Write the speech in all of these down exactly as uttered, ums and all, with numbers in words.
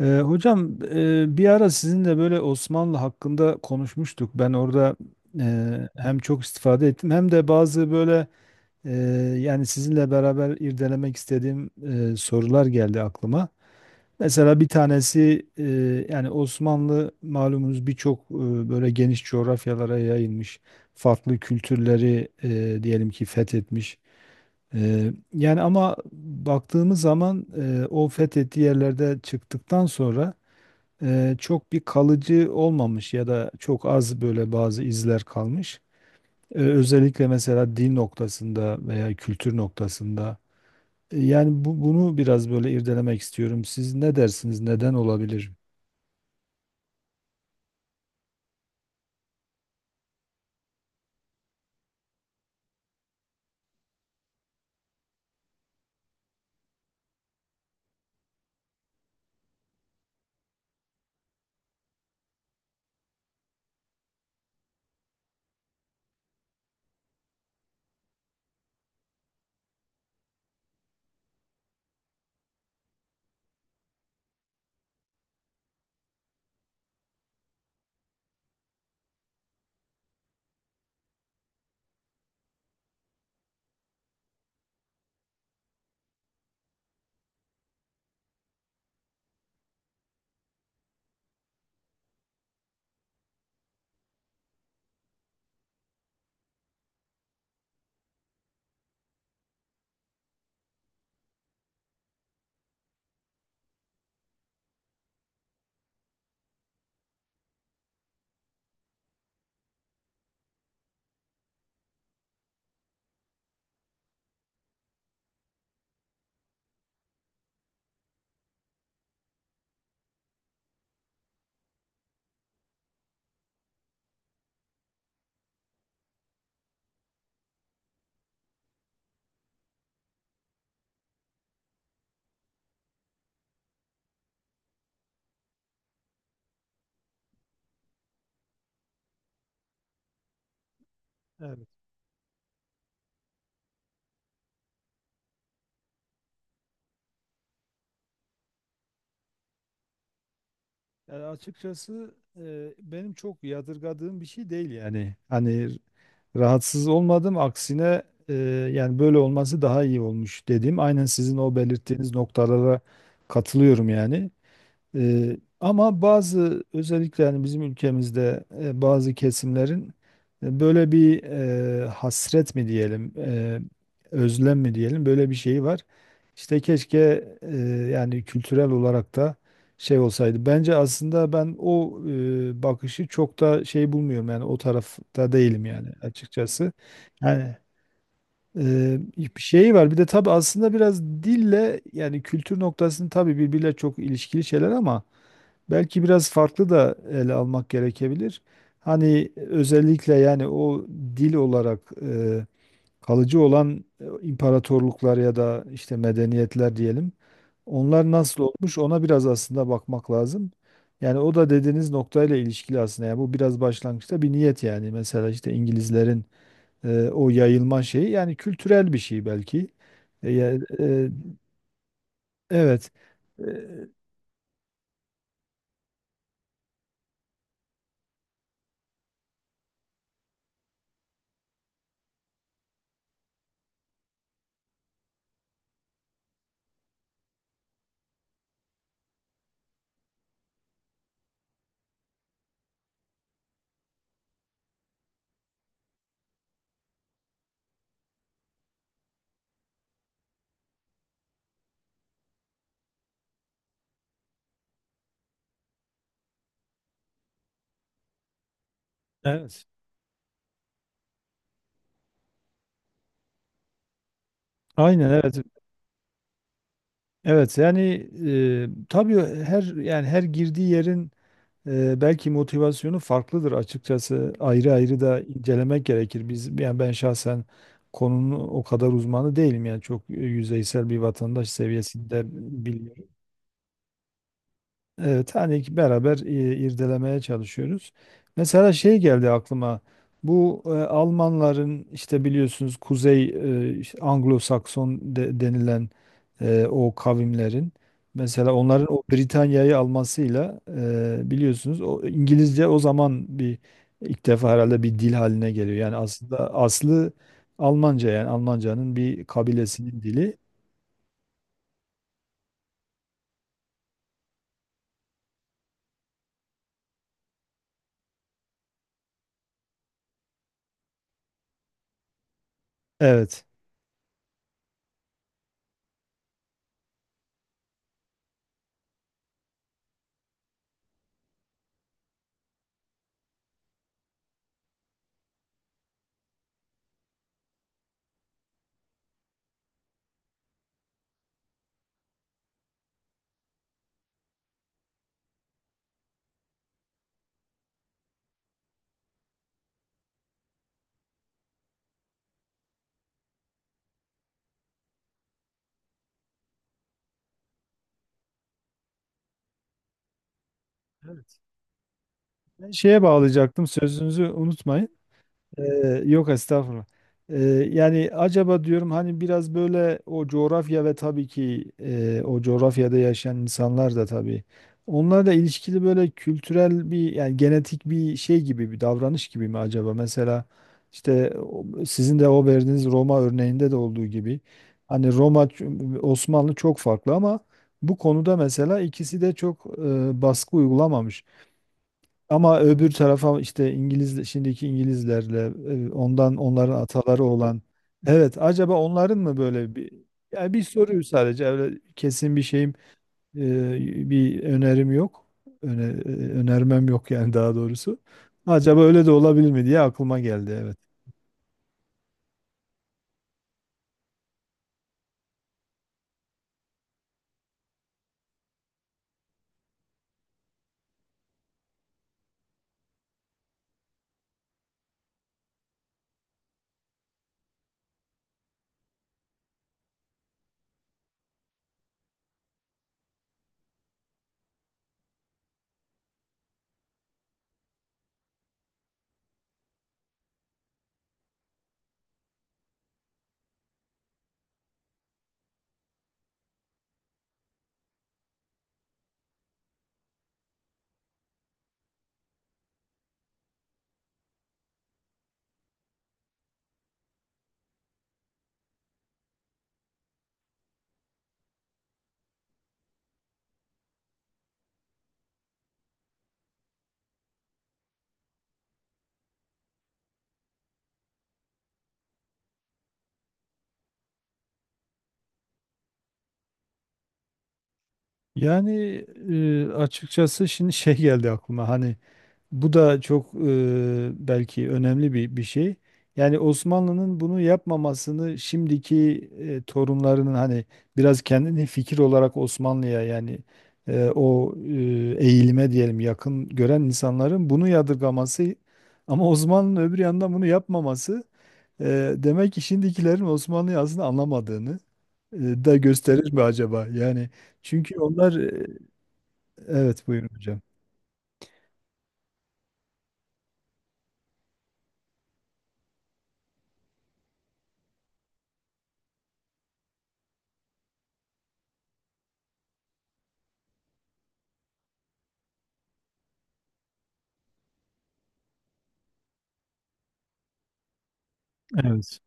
Ee, hocam, e, bir ara sizinle böyle Osmanlı hakkında konuşmuştuk. Ben orada e, hem çok istifade ettim hem de bazı böyle e, yani sizinle beraber irdelemek istediğim e, sorular geldi aklıma. Mesela bir tanesi e, yani Osmanlı malumunuz birçok e, böyle geniş coğrafyalara yayılmış. Farklı kültürleri e, diyelim ki fethetmiş. E, yani ama baktığımız zaman e, o fethettiği yerlerde çıktıktan sonra e, çok bir kalıcı olmamış ya da çok az böyle bazı izler kalmış. E, özellikle mesela dil noktasında veya kültür noktasında. E, yani bu, bunu biraz böyle irdelemek istiyorum. Siz ne dersiniz? Neden olabilir? Evet. Yani açıkçası e, benim çok yadırgadığım bir şey değil yani. Hani rahatsız olmadım aksine e, yani böyle olması daha iyi olmuş dediğim aynen sizin o belirttiğiniz noktalara katılıyorum yani. Ee, ama bazı özellikle yani bizim ülkemizde e, bazı kesimlerin e, böyle bir e, hasret mi diyelim, e, özlem mi diyelim böyle bir şeyi var. İşte keşke e, yani kültürel olarak da şey olsaydı. Bence aslında ben o e, bakışı çok da şey bulmuyorum yani o tarafta değilim yani açıkçası. Yani ee, bir şey var. Bir de tabii aslında biraz dille yani kültür noktasını tabii birbiriyle çok ilişkili şeyler ama belki biraz farklı da ele almak gerekebilir. Hani özellikle yani o dil olarak e, kalıcı olan e, imparatorluklar ya da işte medeniyetler diyelim. Onlar nasıl olmuş ona biraz aslında bakmak lazım. Yani o da dediğiniz noktayla ilişkili aslında. Yani bu biraz başlangıçta bir niyet yani. Mesela işte İngilizlerin e, o yayılma şeyi yani kültürel bir şey belki. E, ya- e, evet. E, Evet. Aynen evet. Evet yani e, tabii her yani her girdiği yerin e, belki motivasyonu farklıdır açıkçası. Ayrı ayrı da incelemek gerekir. Biz yani ben şahsen konunun o kadar uzmanı değilim yani çok e, yüzeysel bir vatandaş seviyesinde bilgi. Evet, hani ki beraber e, irdelemeye çalışıyoruz. Mesela şey geldi aklıma. Bu e, Almanların işte biliyorsunuz Kuzey e, işte Anglo-Sakson de- denilen e, o kavimlerin mesela onların o Britanya'yı almasıyla e, biliyorsunuz o İngilizce o zaman bir ilk defa herhalde bir dil haline geliyor. Yani aslında aslı Almanca yani Almanca'nın bir kabilesinin dili. Evet. Evet. Ben şeye bağlayacaktım sözünüzü unutmayın. Ee, yok estağfurullah. Ee, yani acaba diyorum hani biraz böyle o coğrafya ve tabii ki e, o coğrafyada yaşayan insanlar da tabii onlarla ilişkili böyle kültürel bir yani genetik bir şey gibi bir davranış gibi mi acaba? Mesela işte o- sizin de o verdiğiniz Roma örneğinde de olduğu gibi hani Roma ç- Osmanlı çok farklı ama bu konuda mesela ikisi de çok e, baskı uygulamamış. Ama öbür tarafa işte İngiliz şimdiki İngilizlerle e, ondan onların ataları olan evet acaba onların mı böyle bir yani bir soruyu sadece öyle kesin bir şeyim ee, bir önerim yok. Öne, e, önermem yok yani daha doğrusu. Acaba öyle de olabilir mi diye aklıma geldi. Evet. Yani e, açıkçası şimdi şey geldi aklıma. Hani bu da çok e, belki önemli bir, bir şey. Yani Osmanlı'nın bunu yapmamasını şimdiki e, torunlarının hani biraz kendini fikir olarak Osmanlı'ya yani e, o e, eğilime diyelim yakın gören insanların bunu yadırgaması ama Osmanlı'nın öbür yandan bunu yapmaması e, demek ki şimdikilerin Osmanlı'yı aslında anlamadığını e, da gösterir mi acaba? Yani çünkü onlar. E, evet buyurun hocam. Evet.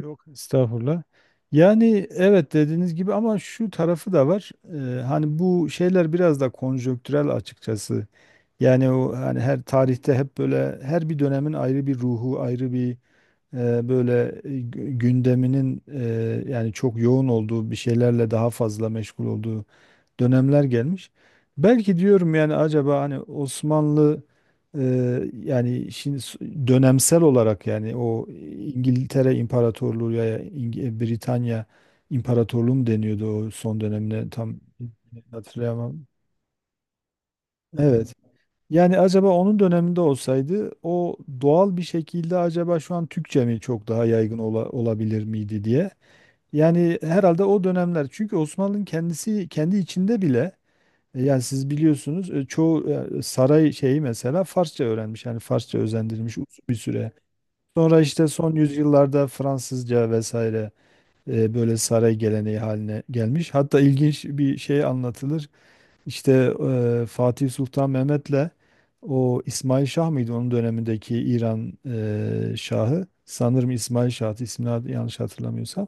Yok estağfurullah. Yani evet dediğiniz gibi ama şu tarafı da var. Ee, hani bu şeyler biraz da konjonktürel açıkçası. Yani o hani her tarihte hep böyle her bir dönemin ayrı bir ruhu, ayrı bir e, böyle e, gü- gündeminin e, yani çok yoğun olduğu bir şeylerle daha fazla meşgul olduğu dönemler gelmiş. Belki diyorum yani acaba hani Osmanlı e, yani şimdi s- dönemsel olarak yani o İngiltere İmparatorluğu ya İng- e, Britanya İmparatorluğu mu deniyordu o son dönemine tam hatırlayamam. Evet. Yani acaba onun döneminde olsaydı o doğal bir şekilde acaba şu an Türkçe mi çok daha yaygın ola- olabilir miydi diye. Yani herhalde o dönemler çünkü Osmanlı'nın kendisi kendi içinde bile e, Yani siz biliyorsunuz e, çoğu e, saray şeyi mesela Farsça öğrenmiş. Yani Farsça özendirilmiş uzun bir süre. Sonra işte son yüzyıllarda Fransızca vesaire e, böyle saray geleneği haline gelmiş. Hatta ilginç bir şey anlatılır. İşte e, Fatih Sultan Mehmet'le o İsmail Şah mıydı onun dönemindeki İran e, Şahı? Sanırım İsmail Şah, ismini yanlış hatırlamıyorsam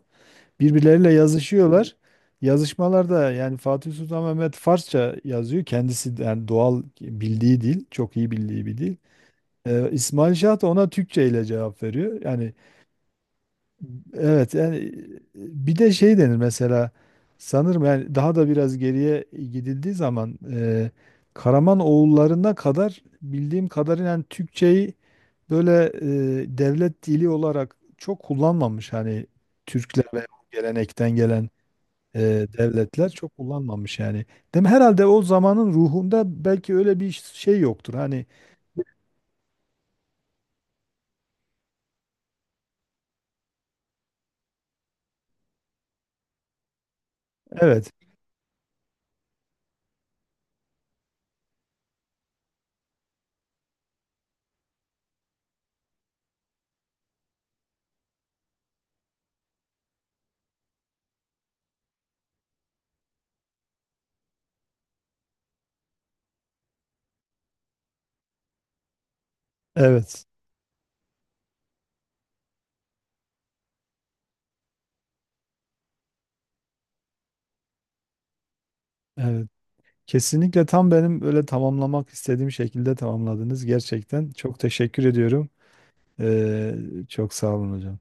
birbirleriyle yazışıyorlar. Yazışmalarda yani Fatih Sultan Mehmet Farsça yazıyor. Kendisi de yani doğal bildiği dil, çok iyi bildiği bir dil. Ee, İsmail Şah da ona Türkçe ile cevap veriyor. Yani evet yani e, bir de şey denir mesela sanırım yani daha da biraz geriye gidildiği zaman e, Karaman oğullarına kadar bildiğim kadarıyla yani Türkçeyi böyle e, devlet dili olarak çok kullanmamış hani Türkler ve o gelenekten gelen e, devletler çok kullanmamış yani. Değil mi? Herhalde o zamanın ruhunda belki öyle bir şey yoktur. Hani evet, evet, evet. Kesinlikle tam benim öyle tamamlamak istediğim şekilde tamamladınız. Gerçekten çok teşekkür ediyorum. Ee, çok sağ olun hocam.